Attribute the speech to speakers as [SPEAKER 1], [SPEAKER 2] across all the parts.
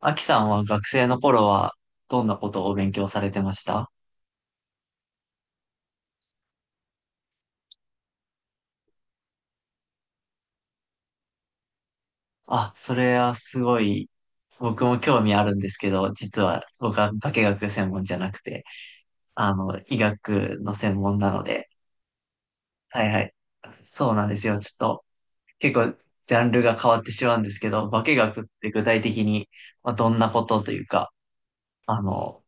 [SPEAKER 1] アキさんは学生の頃はどんなことをお勉強されてました？あ、それはすごい、僕も興味あるんですけど、実は僕は化学専門じゃなくて、医学の専門なので、はいはい。そうなんですよ。ちょっと、結構、ジャンルが変わってしまうんですけど、化学って具体的に、まあ、どんなことというか、あの、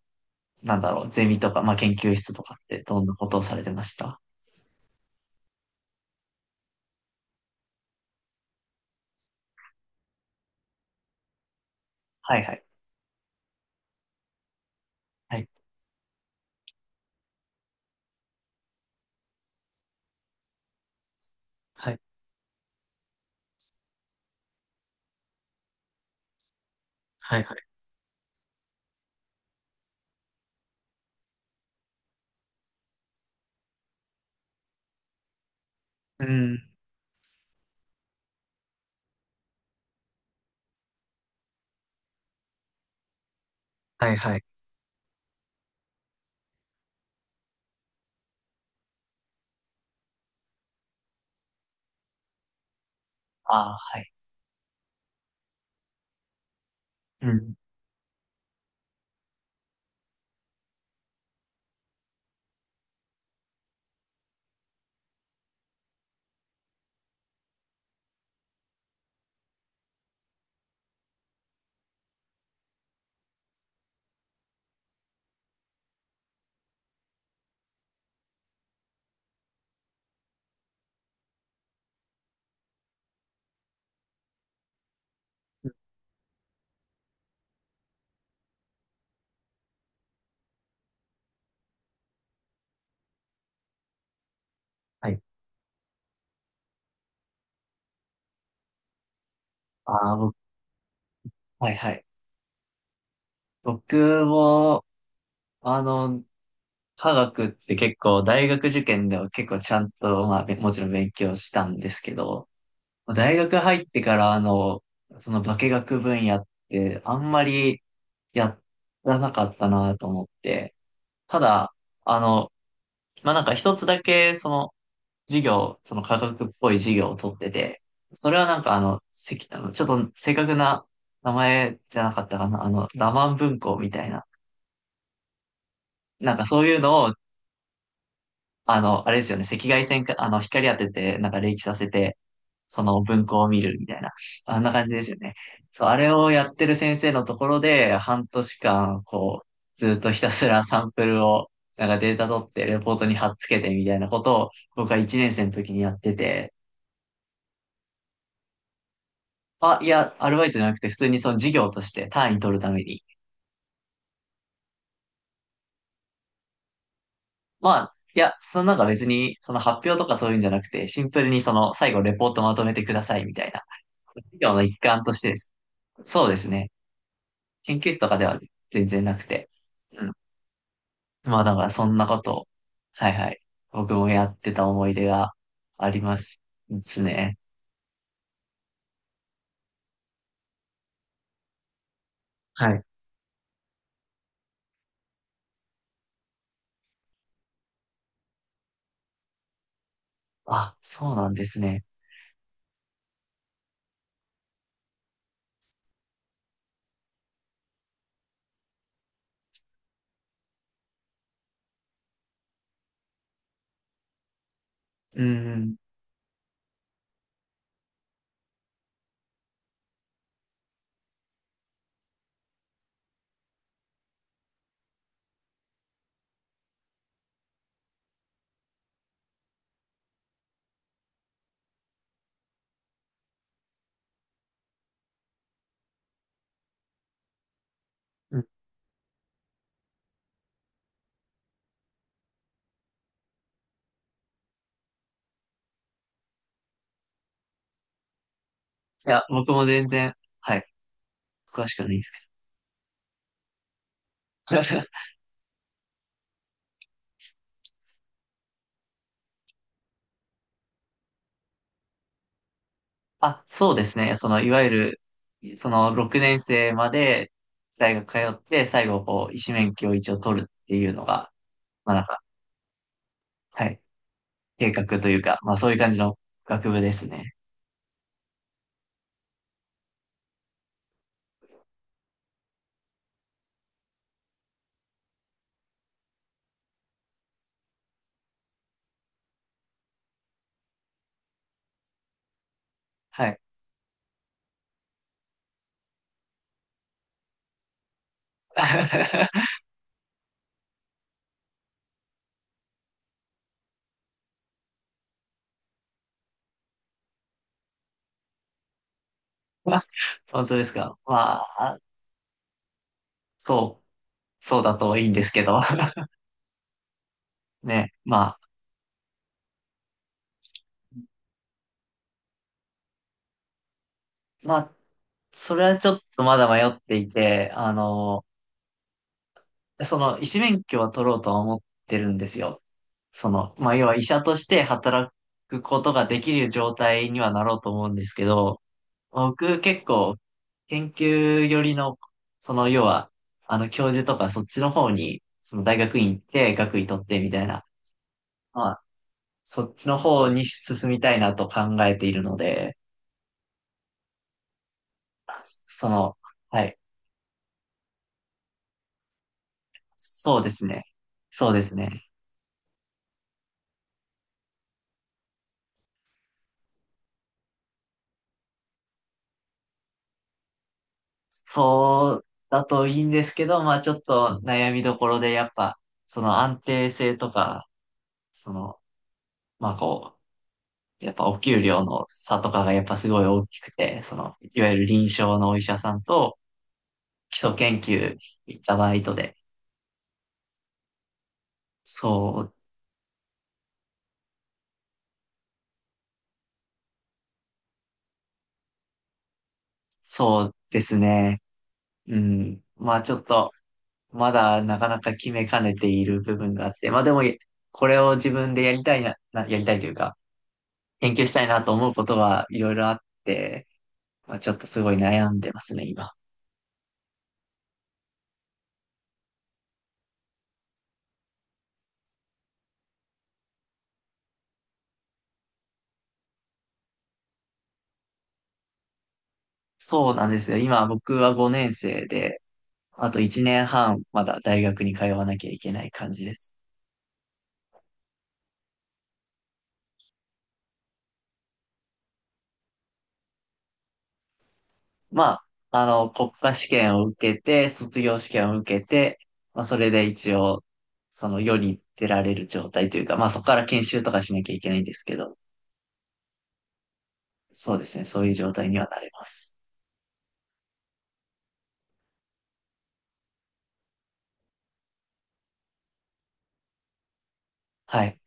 [SPEAKER 1] なんだろう、ゼミとか、まあ、研究室とかってどんなことをされてました？はいはい。はい。はい。はいはい。うん。はいはい。ああ、はい。うん。はい。ああ、僕、はいはい。僕も、あの、科学って結構、大学受験では結構ちゃんと、まあ、もちろん勉強したんですけど、大学入ってから、その化学分野って、あんまりやらなかったなと思って、ただ、あの、まあ、なんか一つだけ、その、授業、その科学っぽい授業を取ってて、それはなんかあの、せき、あの、ちょっと正確な名前じゃなかったかな、ラマン文庫みたいな。なんかそういうのを、あれですよね、赤外線か、光当てて、なんか冷気させて、その文庫を見るみたいな。あんな感じですよね。そう、あれをやってる先生のところで、半年間、こう、ずっとひたすらサンプルを、なんかデータ取って、レポートに貼っつけてみたいなことを、僕は1年生の時にやってて、あ、いや、アルバイトじゃなくて、普通にその授業として単位取るために。まあ、いや、そのなんか別に、その発表とかそういうんじゃなくて、シンプルにその最後レポートまとめてくださいみたいな。授業の一環としてです。そうですね。研究室とかでは全然なくて。うん。まあだからそんなことを、はいはい。僕もやってた思い出がありますですね。はい。あ、そうなんですね。うん。うん。いや、僕も全然、はい。詳しくはないですけど。あ、そうですね。その、いわゆる、その、6年生まで大学通って、最後、こう、医師免許を一応取るっていうのが、まあなんか、はい、計画というか、まあそういう感じの学部ですね。はい。まあ本当ですか。まあ、そう、そうだといいんですけど。ね、まあ、まあ、それはちょっとまだ迷っていて、その、医師免許は取ろうとは思ってるんですよ。その、まあ、要は医者として働くことができる状態にはなろうと思うんですけど、僕結構研究寄りの、その要は、あの教授とかそっちの方に、その大学院行って学位取ってみたいな、まあ、そっちの方に進みたいなと考えているので、その、はい、そうですね。そうですね。そうだといいんですけど、まあちょっと悩みどころでやっぱ、その安定性とか、そのまあこう、やっぱお給料の差とかがやっぱすごい大きくて、その、いわゆる臨床のお医者さんと基礎研究行ったバイトで、そう、そうですね。うん。まあちょっと、まだなかなか決めかねている部分があって、まあでも、これを自分でやりたいな、やりたいというか、研究したいなと思うことはいろいろあって、まあちょっとすごい悩んでますね、今。そうなんですよ。今僕は5年生で、あと1年半、まだ大学に通わなきゃいけない感じです。まあ、国家試験を受けて、卒業試験を受けて、まあ、それで一応、その世に出られる状態というか、まあ、そこから研修とかしなきゃいけないんですけど、そうですね、そういう状態にはなれます。はい。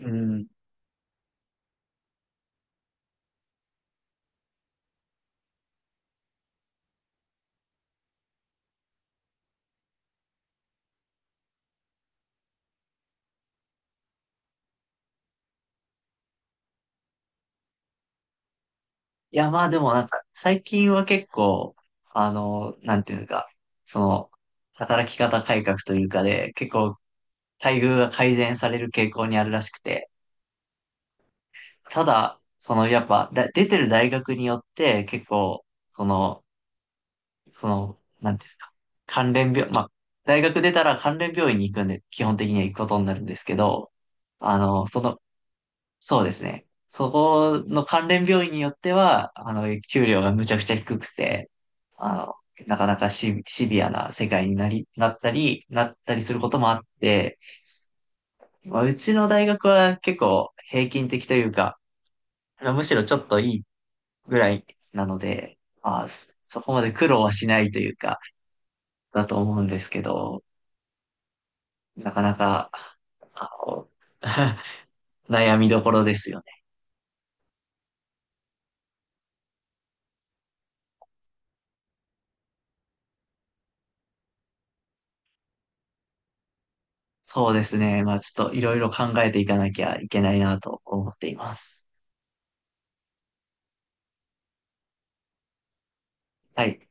[SPEAKER 1] うん。いや、まあでもなんか、最近は結構、なんていうか、その、働き方改革というかで、結構、待遇が改善される傾向にあるらしくて、ただ、そのやっぱだ、出てる大学によって結構、その、なんていうんですか、関連病、まあ、大学出たら関連病院に行くんで、基本的には行くことになるんですけど、あの、その、そうですね。そこの関連病院によっては、給料がむちゃくちゃ低くて、あの、なかなかシビアな世界になったりすることもあって、まあ、うちの大学は結構平均的というか、むしろちょっといいぐらいなので、まあー、そこまで苦労はしないというか、だと思うんですけど、なかなか、あの 悩みどころですよね。そうですね。まあちょっといろいろ考えていかなきゃいけないなと思っています。はい。